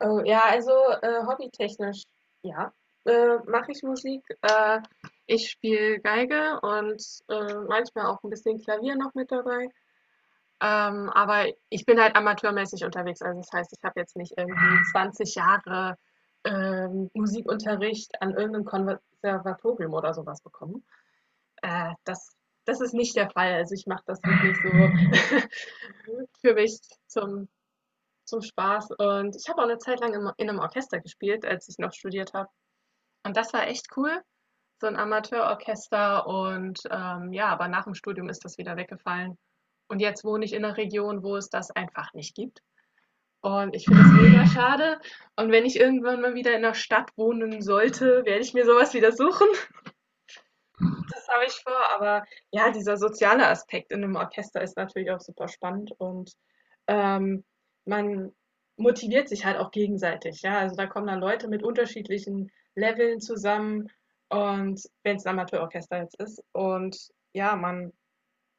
Oh, ja, also hobbytechnisch, ja, mache ich Musik. Ich spiele Geige und manchmal auch ein bisschen Klavier noch mit dabei. Aber ich bin halt amateurmäßig unterwegs. Also das heißt, ich habe jetzt nicht irgendwie 20 Jahre Musikunterricht an irgendeinem Konservatorium oder sowas bekommen. Äh, das, das ist nicht der Fall. Also ich mache das wirklich so für mich zum zum Spaß, und ich habe auch eine Zeit lang im in einem Orchester gespielt, als ich noch studiert habe. Und das war echt cool, so ein Amateurorchester, und, ja, aber nach dem Studium ist das wieder weggefallen. Und jetzt wohne ich in 'ner Region, wo es das einfach nicht gibt. Und ich finde es mega schade. Und wenn ich irgendwann mal wieder in einer Stadt wohnen sollte, werde ich mir so was wieder suchen. Das habe ich vor, aber ja, dieser soziale Aspekt in einem Orchester ist natürlich auch super spannend, und, ähm, man motiviert sich halt auch gegenseitig, ja? Also, da kommen dann Leute mit unterschiedlichen Leveln zusammen, und wenn es ein Amateurorchester jetzt ist, und ja, man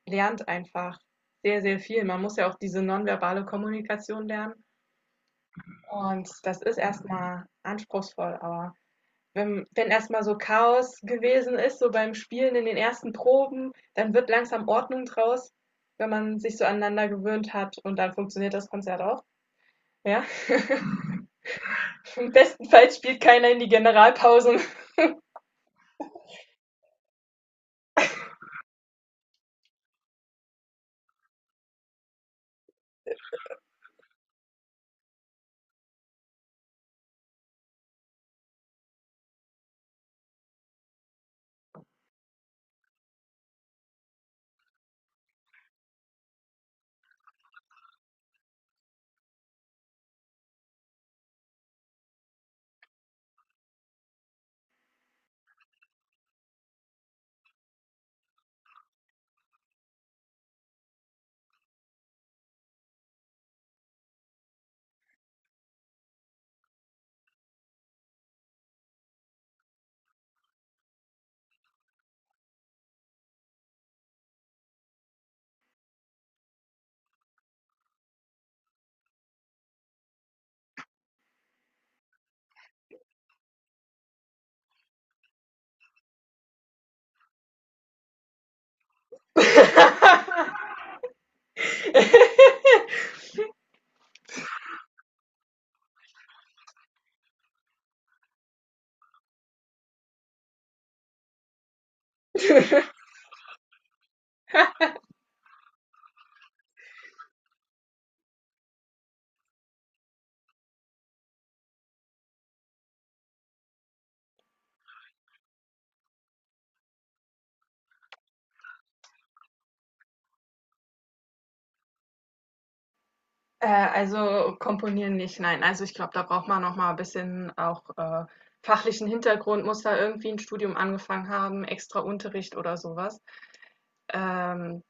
lernt einfach sehr, sehr viel. Man muss ja auch diese nonverbale Kommunikation lernen, und das ist erstmal anspruchsvoll, aber wenn erstmal so Chaos gewesen ist, so beim Spielen in den ersten Proben, dann wird langsam Ordnung draus, wenn man sich so aneinander gewöhnt hat, und dann funktioniert das Konzert auch. Ja. Im besten Fall spielt keiner in die Generalpausen. Also komponieren nicht, nein. Also ich glaube, da braucht man noch mal ein bisschen auch fachlichen Hintergrund, muss da irgendwie ein Studium angefangen haben, extra Unterricht oder sowas. Ähm,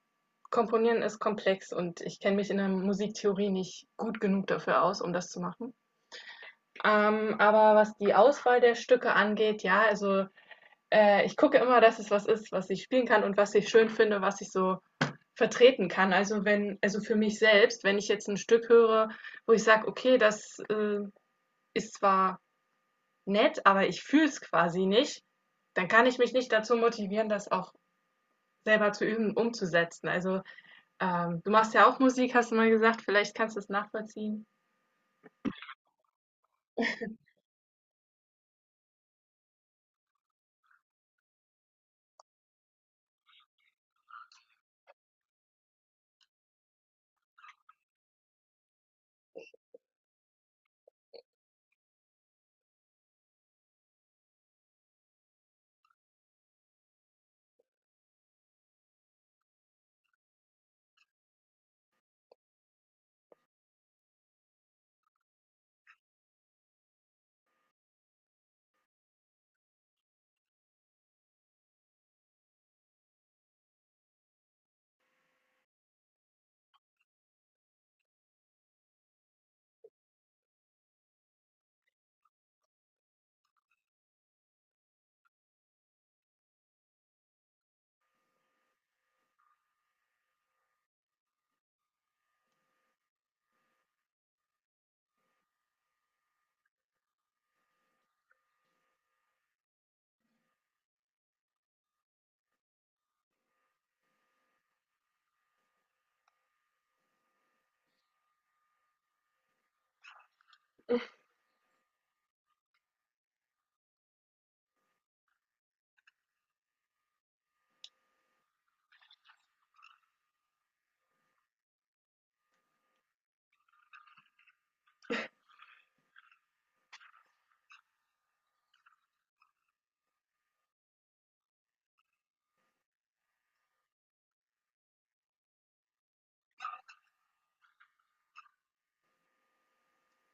Komponieren ist komplex, und ich kenne mich in der Musiktheorie nicht gut genug dafür aus, um das zu machen. Aber was die Auswahl der Stücke angeht, ja, also ich gucke immer, dass es was ist, was ich spielen kann und was ich schön finde, was ich so vertreten kann. Also wenn, also für mich selbst, wenn ich jetzt ein Stück höre, wo ich sage, okay, das ist zwar nett, aber ich fühle es quasi nicht, dann kann ich mich nicht dazu motivieren, das auch selber zu üben, umzusetzen. Also ähm, du machst ja auch Musik, hast du mal gesagt. Vielleicht kannst du es nachvollziehen.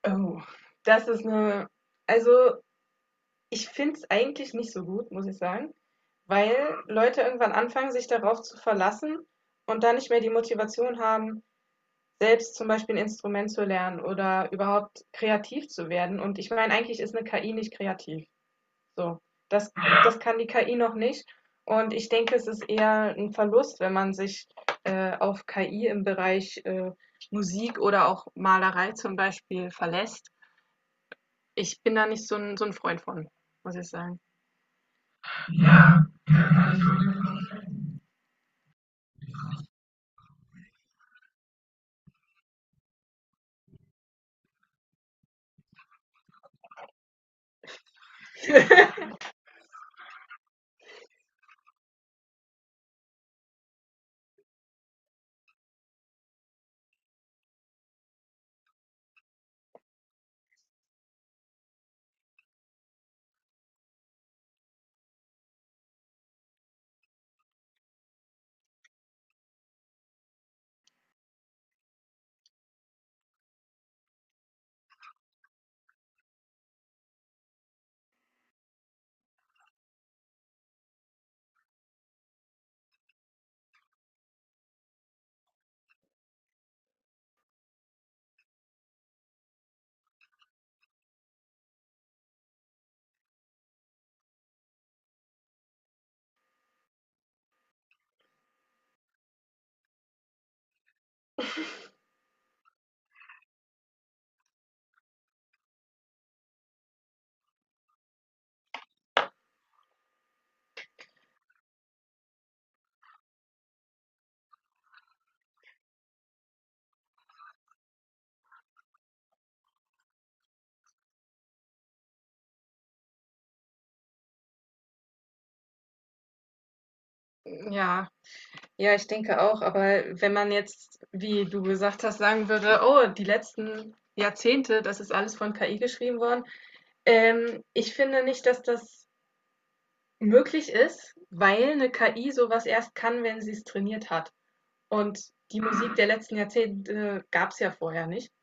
Oh, das ist eine. Also, ich finde es eigentlich nicht so gut, muss ich sagen, weil Leute irgendwann anfangen, sich darauf zu verlassen und dann nicht mehr die Motivation haben, selbst zum Beispiel ein Instrument zu lernen oder überhaupt kreativ zu werden. Und ich meine, eigentlich ist 'ne KI nicht kreativ. So, das, das kann die KI noch nicht. Und ich denke, es ist eher ein Verlust, wenn man sich auf KI im Bereich Musik oder auch Malerei zum Beispiel verlässt. Ich bin da nicht so ein, so ein Freund von, muss ich sagen. Ja, ja, ich denke auch. Aber wenn man jetzt, wie du gesagt hast, sagen würde, oh, die letzten Jahrzehnte, das ist alles von KI geschrieben worden. Ich finde nicht, dass das möglich ist, weil eine KI so was erst kann, wenn sie es trainiert hat. Und die Musik der letzten Jahrzehnte gab's ja vorher nicht.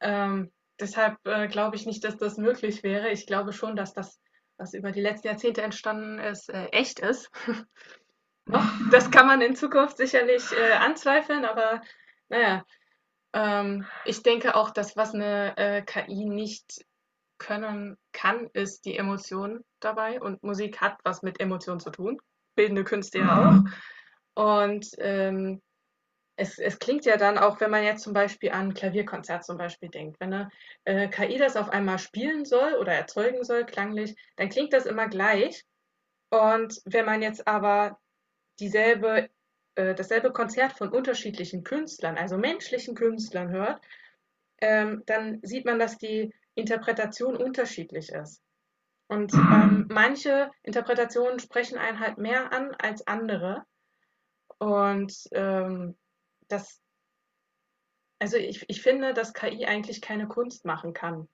Ähm, deshalb, glaube ich nicht, dass das möglich wäre. Ich glaube schon, dass das, was über die letzten Jahrzehnte entstanden ist, echt ist noch. Das kann man in Zukunft sicherlich, anzweifeln, aber naja, ich denke auch, dass was eine KI nicht können kann, ist die Emotion dabei, und Musik hat was mit Emotionen zu tun, bildende Künste ja auch. Und es klingt ja dann auch, wenn man jetzt zum Beispiel an ein Klavierkonzert zum Beispiel denkt, wenn eine KI das auf einmal spielen soll oder erzeugen soll, klanglich, dann klingt das immer gleich. Und wenn man jetzt aber dieselbe dasselbe Konzert von unterschiedlichen Künstlern, also menschlichen Künstlern hört, dann sieht man, dass die Interpretation unterschiedlich ist. Und manche Interpretationen sprechen einen halt mehr an als andere. Und das, also ich finde, dass KI eigentlich keine Kunst machen kann.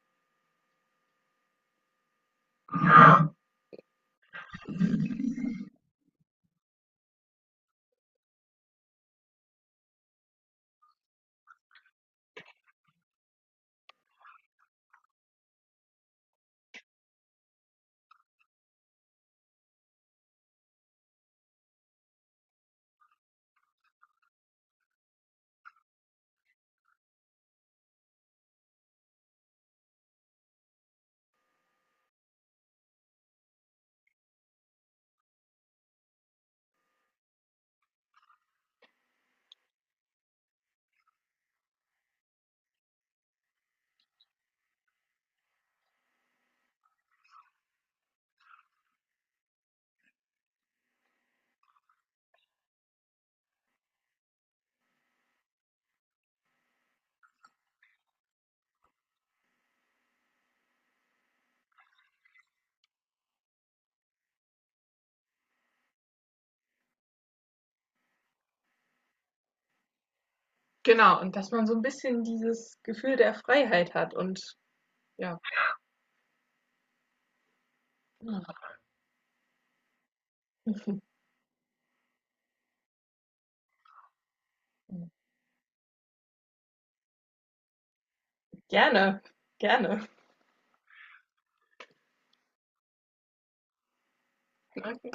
Genau, und dass man so ein bisschen dieses Gefühl der Freiheit hat und ja. Gerne, gerne. Okay.